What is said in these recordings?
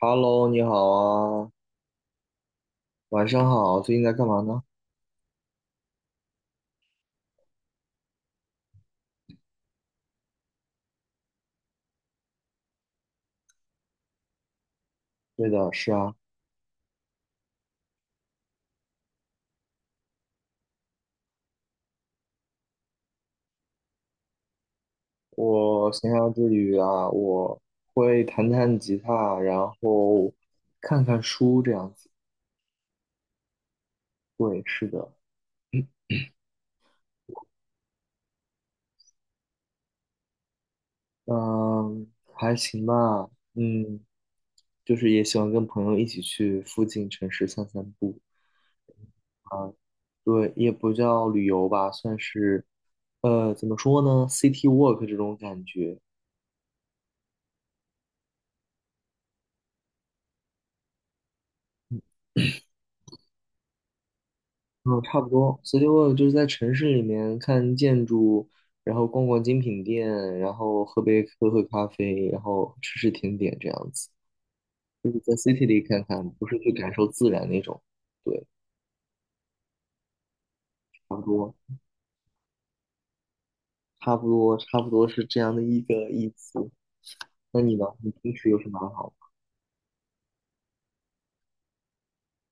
Hello，你好啊，晚上好，最近在干嘛呢？对的，是啊，我闲暇之余啊，我会弹弹吉他，然后看看书这样子。对，是的，嗯，还行吧，就是也喜欢跟朋友一起去附近城市散散步。对，也不叫旅游吧，算是，怎么说呢，city walk 这种感觉。嗯，差不多。所以，就是在城市里面看建筑，然后逛逛精品店，然后喝喝咖啡，然后吃吃甜点这样子，地里看看，不是去感受自然那种。对，差不多，差不多，差不多是这样的一个意思。那你呢？你平时有什么爱好吗？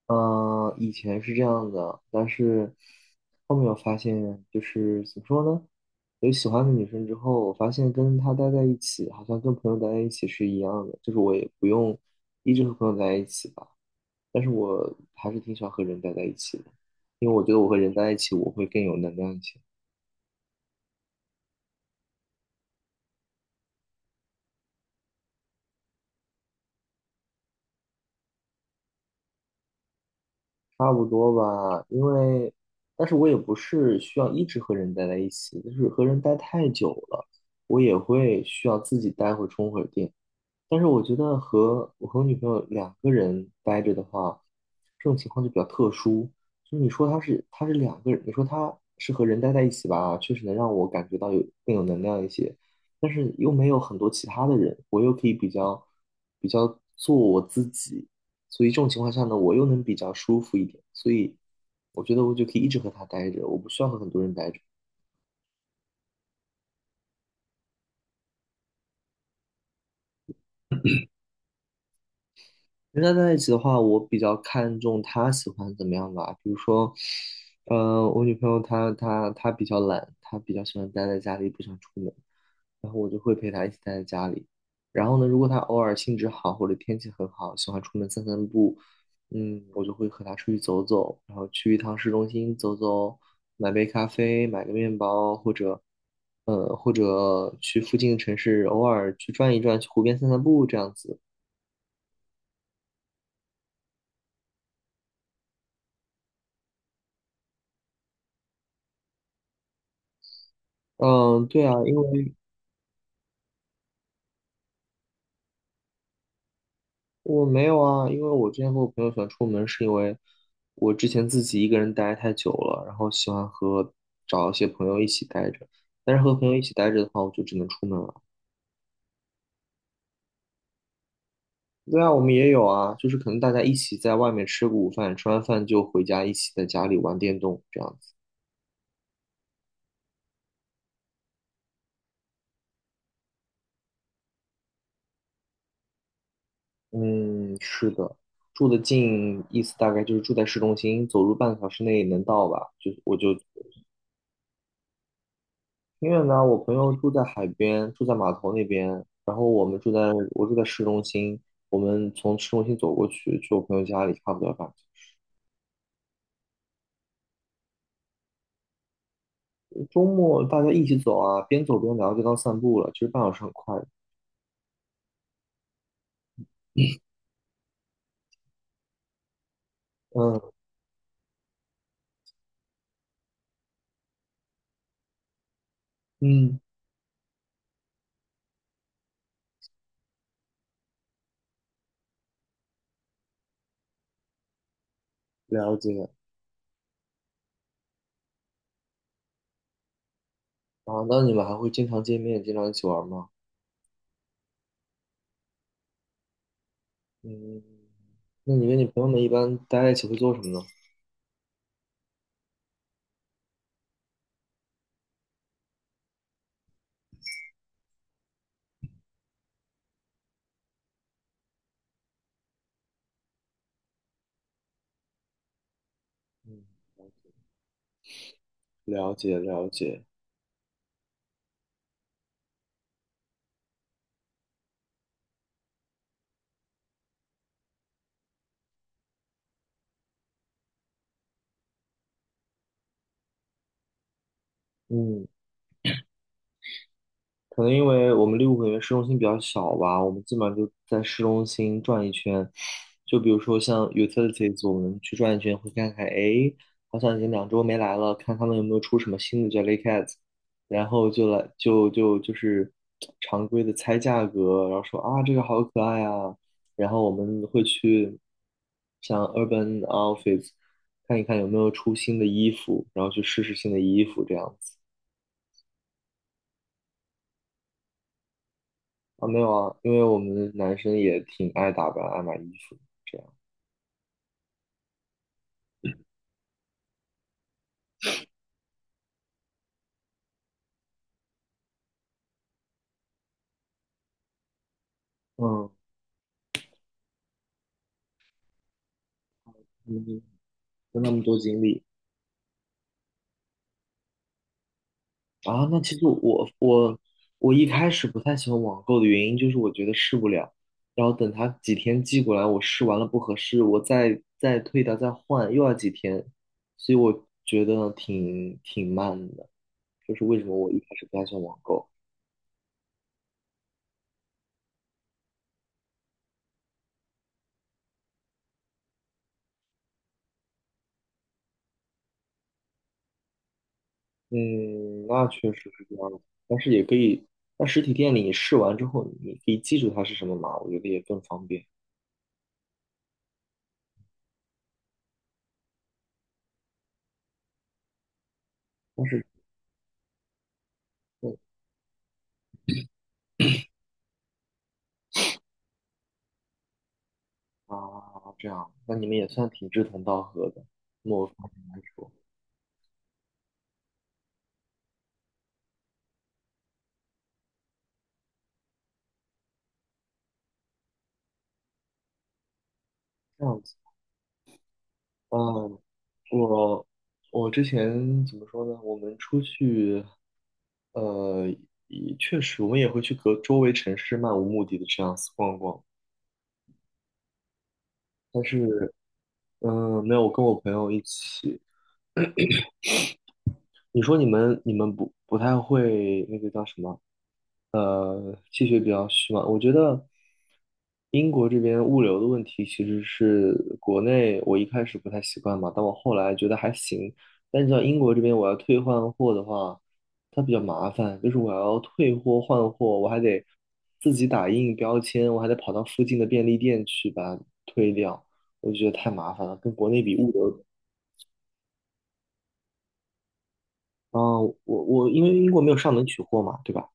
嗯、以前是这样的，但是后面我发现，就是怎么说呢？有喜欢的女生之后，我发现跟她待在一起，好像跟朋友待在一起是一样的，就是我也不用一直和朋友在一起吧。但是我还是挺喜欢和人待在一起的，因为我觉得我和人待在一起，我会更有能量一些。差不多吧，因为，但是我也不是需要一直和人待在一起，就是和人待太久了，我也会需要自己待会充会儿电。但是我觉得和我女朋友两个人待着的话，这种情况就比较特殊。就是你说她是两个人，你说她是和人待在一起吧，确实能让我感觉到更有能量一些，但是又没有很多其他的人，我又可以比较做我自己，所以这种情况下呢，我又能比较舒服一点，所以我觉得我就可以一直和她待着，我不需要和很多人待着。人家在一起的话，我比较看重她喜欢怎么样吧。比如说，我女朋友她比较懒，她比较喜欢待在家里，不想出门，然后我就会陪她一起待在家里。然后呢，如果她偶尔兴致好或者天气很好，喜欢出门散散步，我就会和她出去走走，然后去一趟市中心走走，买杯咖啡，买个面包，或者，或者去附近的城市偶尔去转一转，去湖边散散步这样子。嗯，对啊，因为。我没有啊，因为我之前和我朋友喜欢出门，是因为我之前自己一个人待太久了，然后喜欢找一些朋友一起待着。但是和朋友一起待着的话，我就只能出门了。对啊，我们也有啊，就是可能大家一起在外面吃个午饭，吃完饭就回家，一起在家里玩电动这样子。嗯，是的，住得近，意思大概就是住在市中心，走路半个小时内能到吧？我就挺远的，我朋友住在海边，住在码头那边，然后我住在市中心，我们从市中心走过去，去我朋友家里差不多吧。个小时周末大家一起走啊，边走边聊，就当散步了，其实半小时很快的。嗯嗯，了解。啊，那你们还会经常见面，经常一起玩吗？嗯，那你跟你朋友们一般待在一起会做什么呢？嗯，了解了解。嗯。可能因为我们利物浦因为市中心比较小吧，我们基本上就在市中心转一圈。就比如说像 utilities，我们去转一圈，会看看，诶，好像已经2周没来了，看他们有没有出什么新的 Jellycat，然后就来就就就是常规的猜价格，然后说啊这个好可爱啊，然后我们会去像 Urban Outfits 看一看有没有出新的衣服，然后去试试新的衣服这样子。啊，没有啊，因为我们男生也挺爱打扮、爱买衣服，这样。嗯，嗯，跟他们多经历啊。那其实我一开始不太喜欢网购的原因就是我觉得试不了，然后等他几天寄过来，我试完了不合适，我再退掉再换，又要几天，所以我觉得挺慢的，就是为什么我一开始不太喜欢网购。嗯，那确实是这样的，但是也可以，在实体店里试完之后，你可以记住它是什么码，我觉得也更方便。但是，对啊，这样，那你们也算挺志同道合的，某方面来说，这样子。嗯，我我之前怎么说呢？我们出去，呃，也确实我们也会去隔周围城市漫无目的的这样子逛逛，但是，嗯，没有，我跟我朋友一起。你说你们不太会那个叫什么？气血比较虚嘛。我觉得英国这边物流的问题其实是国内我一开始不太习惯嘛，但我后来觉得还行。但是到英国这边我要退换货的话，它比较麻烦，就是我要退货换货，我还得自己打印标签，我还得跑到附近的便利店去把它退掉，我就觉得太麻烦了，跟国内比物流。啊，我因为英国没有上门取货嘛，对吧？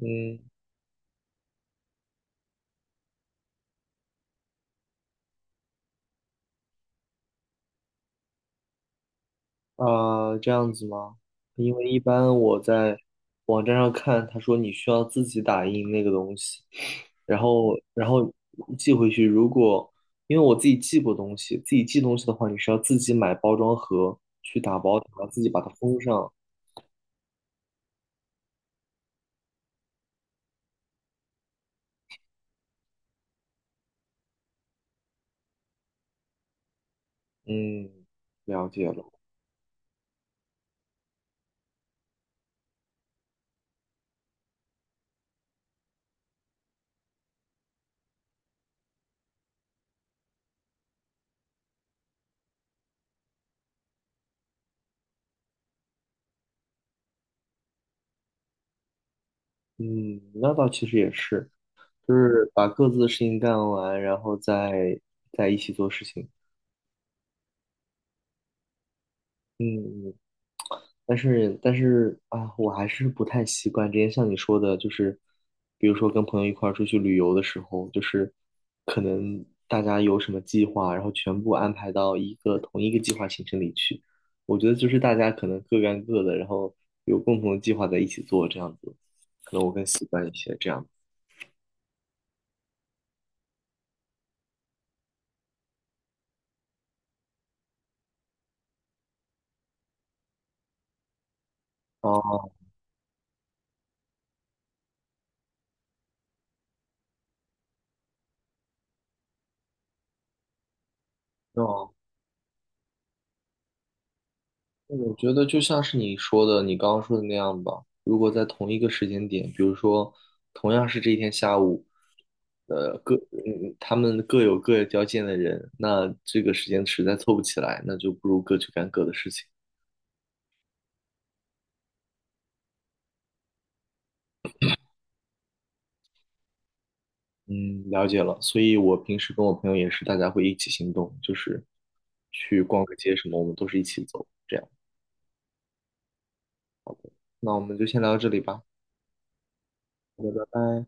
嗯，啊，这样子吗？因为一般我在网站上看，他说你需要自己打印那个东西，然后寄回去。因为我自己寄过东西，自己寄东西的话，你是要自己买包装盒去打包然后自己把它封上。嗯，了解了。嗯，那倒其实也是，就是把各自的事情干完，然后再一起做事情。嗯，嗯但是啊，我还是不太习惯。之前像你说的，就是比如说跟朋友一块儿出去旅游的时候，就是可能大家有什么计划，然后全部安排到同一个计划行程里去。我觉得就是大家可能各干各的，然后有共同的计划在一起做，这样子，可能我更习惯一些这样。哦，那我觉得就像是你说的，你刚刚说的那样吧。如果在同一个时间点，比如说同样是这一天下午，他们各有各交见的人，那这个时间实在凑不起来，那就不如各去干各的事情。嗯，了解了。所以我平时跟我朋友也是，大家会一起行动，就是去逛个街什么，我们都是一起走，这样。那我们就先聊到这里吧，好的拜拜。